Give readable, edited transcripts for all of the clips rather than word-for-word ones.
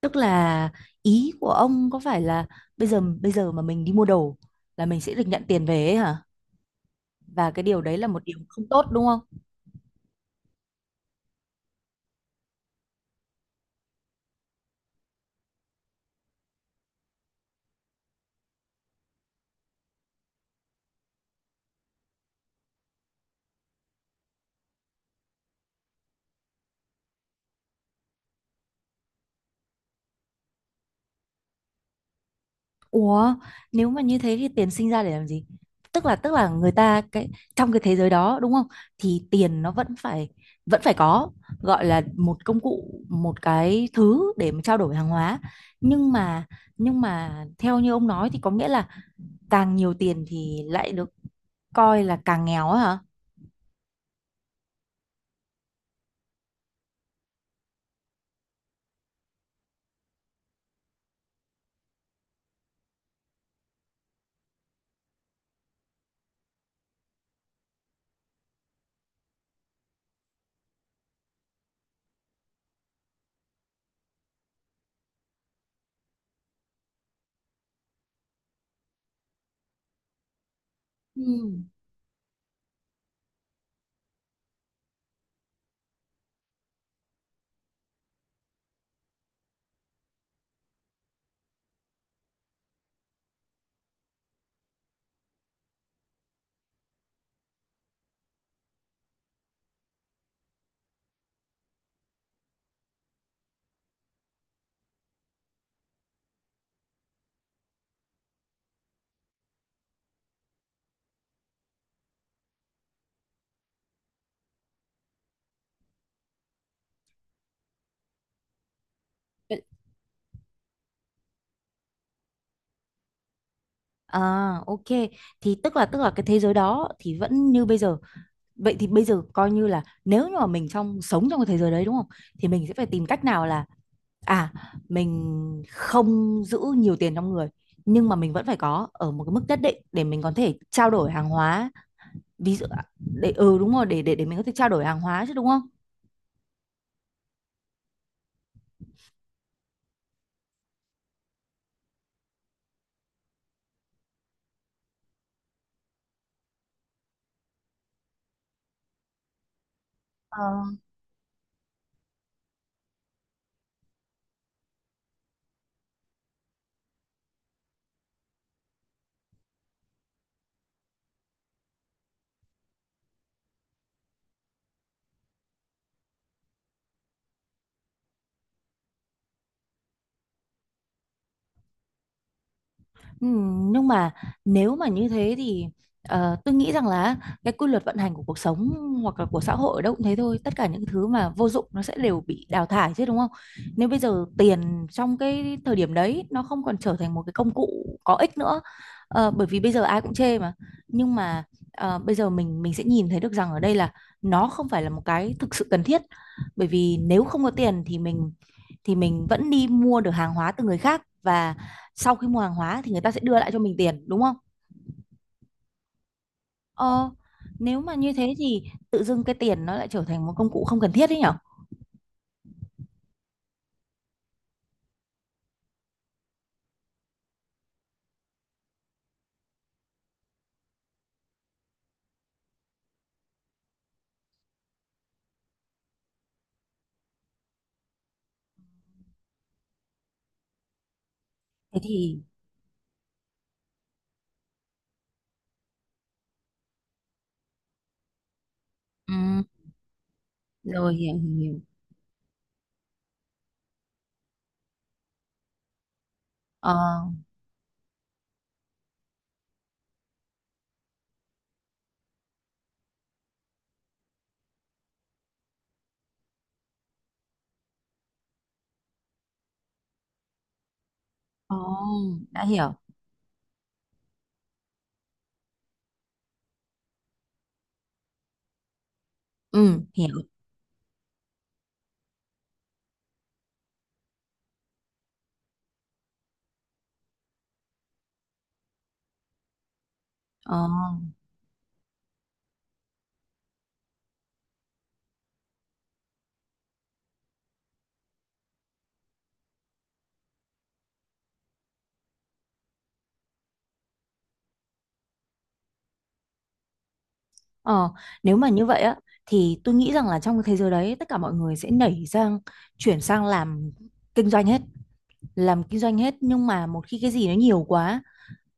Tức là ý của ông có phải là bây giờ mà mình đi mua đồ là mình sẽ được nhận tiền về ấy hả? Và cái điều đấy là một điều không tốt đúng không? Ủa, nếu mà như thế thì tiền sinh ra để làm gì? Tức là người ta cái, trong cái thế giới đó đúng không? Thì tiền nó vẫn phải có, gọi là một công cụ, một cái thứ để mà trao đổi hàng hóa. Nhưng mà nhưng mà theo như ông nói thì có nghĩa là càng nhiều tiền thì lại được coi là càng nghèo á hả? Ừ. À, ok. Thì tức là cái thế giới đó thì vẫn như bây giờ. Vậy thì bây giờ coi như là nếu như mà mình, trong sống trong cái thế giới đấy đúng không? Thì mình sẽ phải tìm cách nào là, à mình không giữ nhiều tiền trong người, nhưng mà mình vẫn phải có ở một cái mức nhất định để mình có thể trao đổi hàng hóa. Ví dụ để, đúng rồi, để mình có thể trao đổi hàng hóa chứ đúng không? Nhưng mà nếu mà như thế thì, tôi nghĩ rằng là cái quy luật vận hành của cuộc sống hoặc là của xã hội đâu cũng thế thôi. Tất cả những thứ mà vô dụng nó sẽ đều bị đào thải chứ đúng không? Nếu bây giờ tiền trong cái thời điểm đấy nó không còn trở thành một cái công cụ có ích nữa, bởi vì bây giờ ai cũng chê mà. Nhưng mà, bây giờ mình sẽ nhìn thấy được rằng ở đây là nó không phải là một cái thực sự cần thiết, bởi vì nếu không có tiền thì mình, thì mình vẫn đi mua được hàng hóa từ người khác, và sau khi mua hàng hóa thì người ta sẽ đưa lại cho mình tiền đúng không? ờ Nếu mà như thế thì tự dưng cái tiền nó lại trở thành một công cụ không cần thiết đấy nhở. Thế thì, ừ, rồi. Hiểu hiểu. ờ ờ, đã hiểu. Ừ, hiểu. ờ ờ Nếu mà như vậy á, thì tôi nghĩ rằng là trong cái thế giới đấy tất cả mọi người sẽ nảy sang, chuyển sang làm kinh doanh hết. Làm kinh doanh hết, nhưng mà một khi cái gì nó nhiều quá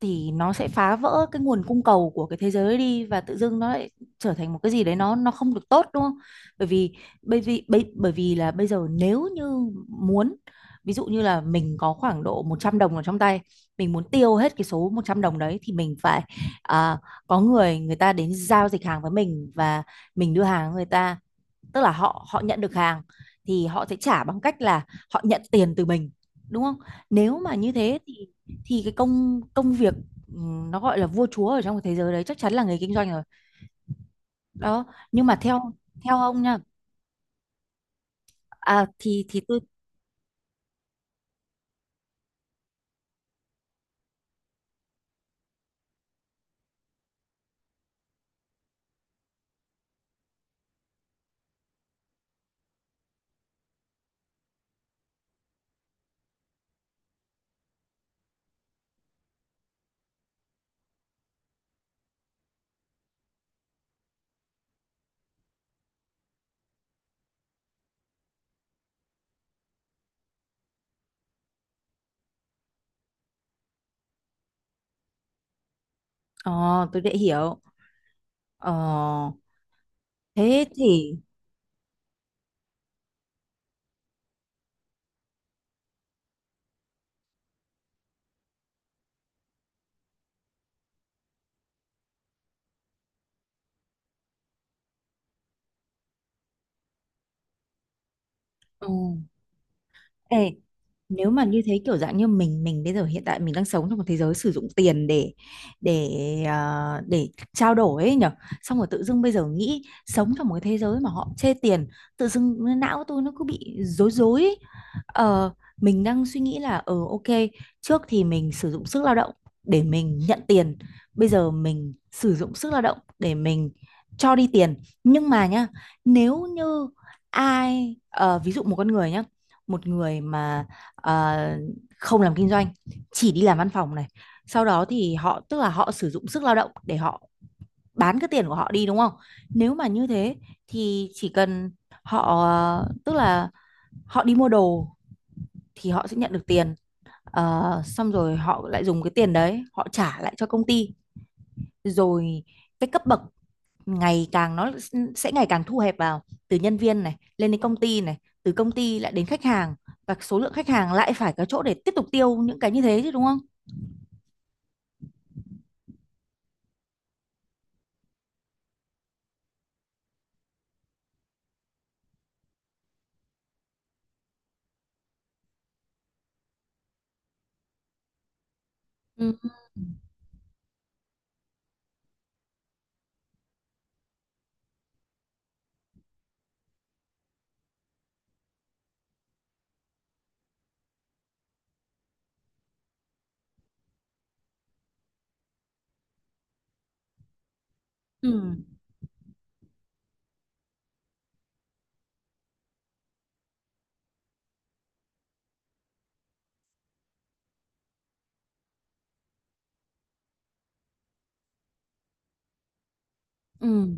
thì nó sẽ phá vỡ cái nguồn cung cầu của cái thế giới đi, và tự dưng nó lại trở thành một cái gì đấy, nó không được tốt đúng không? Bởi vì bởi vì là bây giờ nếu như muốn, ví dụ như là mình có khoảng độ 100 đồng ở trong tay, mình muốn tiêu hết cái số 100 đồng đấy thì mình phải, à, có người người ta đến giao dịch hàng với mình, và mình đưa hàng người ta, tức là họ họ nhận được hàng thì họ sẽ trả bằng cách là họ nhận tiền từ mình đúng không? Nếu mà như thế thì, cái công công việc, nó gọi là vua chúa ở trong cái thế giới đấy chắc chắn là người kinh doanh rồi đó. Nhưng mà theo, ông nha. Thì tôi đã hiểu. ờ, Thế thì, ừ, ê, nếu mà như thế kiểu dạng như mình bây giờ hiện tại mình đang sống trong một thế giới sử dụng tiền để, để để trao đổi ấy nhở, xong rồi tự dưng bây giờ nghĩ sống trong một cái thế giới mà họ chê tiền, tự dưng não tôi nó cứ bị rối rối ấy. Ờ, mình đang suy nghĩ là, ok, trước thì mình sử dụng sức lao động để mình nhận tiền, bây giờ mình sử dụng sức lao động để mình cho đi tiền. Nhưng mà nhá, nếu như ai, ví dụ một con người nhá, một người mà, ờ, không làm kinh doanh, chỉ đi làm văn phòng này, sau đó thì họ, tức là họ sử dụng sức lao động để họ bán cái tiền của họ đi đúng không? Nếu mà như thế thì chỉ cần họ, tức là họ đi mua đồ thì họ sẽ nhận được tiền. Ờ, xong rồi họ lại dùng cái tiền đấy họ trả lại cho công ty, rồi cái cấp bậc ngày càng, nó sẽ ngày càng thu hẹp vào, từ nhân viên này lên đến công ty này, từ công ty lại đến khách hàng, và số lượng khách hàng lại phải có chỗ để tiếp tục tiêu những cái như thế chứ đúng không? Ừ. Ừ. Ừ.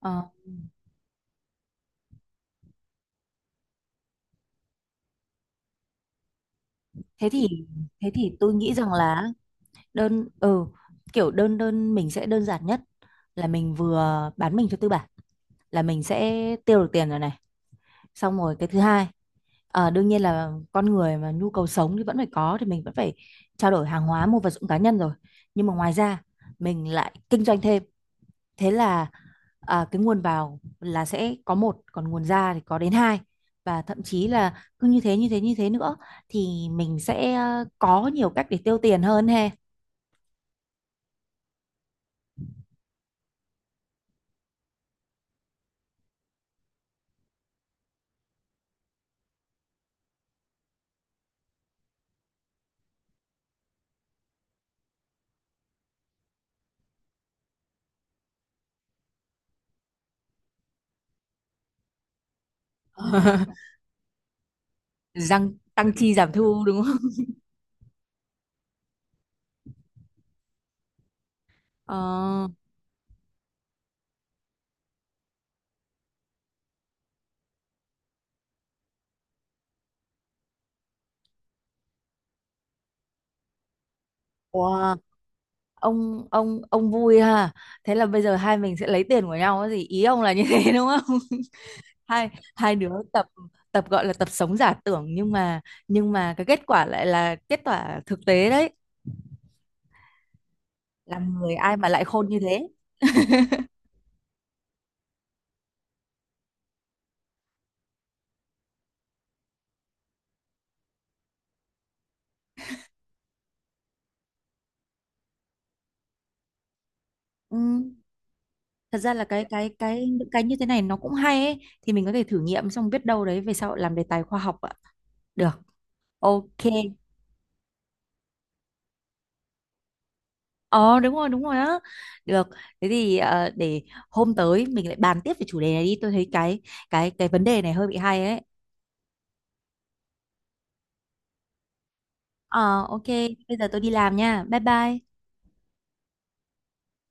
Ờ. Thế thì, tôi nghĩ rằng là, đơn ừ, kiểu đơn, mình sẽ đơn giản nhất là mình vừa bán mình cho tư bản là mình sẽ tiêu được tiền rồi này. Xong rồi cái thứ hai, ờ, đương nhiên là con người mà nhu cầu sống thì vẫn phải có, thì mình vẫn phải trao đổi hàng hóa mua vật dụng cá nhân rồi, nhưng mà ngoài ra mình lại kinh doanh thêm, thế là, cái nguồn vào là sẽ có một, còn nguồn ra thì có đến hai, và thậm chí là cứ như thế như thế như thế nữa, thì mình sẽ, có nhiều cách để tiêu tiền hơn he. Răng tăng chi giảm thu đúng không? Ờ. Wow. Ông vui ha. Thế là bây giờ hai mình sẽ lấy tiền của nhau cái gì? Ý ông là như thế đúng không? Hai hai đứa tập tập gọi là tập sống giả tưởng, nhưng mà, cái kết quả lại là kết quả thực tế đấy. Làm người ai mà lại khôn như thế. Ừ. Thật ra là cái những cái như thế này nó cũng hay ấy, thì mình có thể thử nghiệm, xong biết đâu đấy về sau làm đề tài khoa học ạ. Được. Ok. Ờ đúng rồi, đúng rồi á. Được, thế thì, để hôm tới mình lại bàn tiếp về chủ đề này đi. Tôi thấy cái, vấn đề này hơi bị hay ấy. Ờ, ok, bây giờ tôi đi làm nha. Bye bye.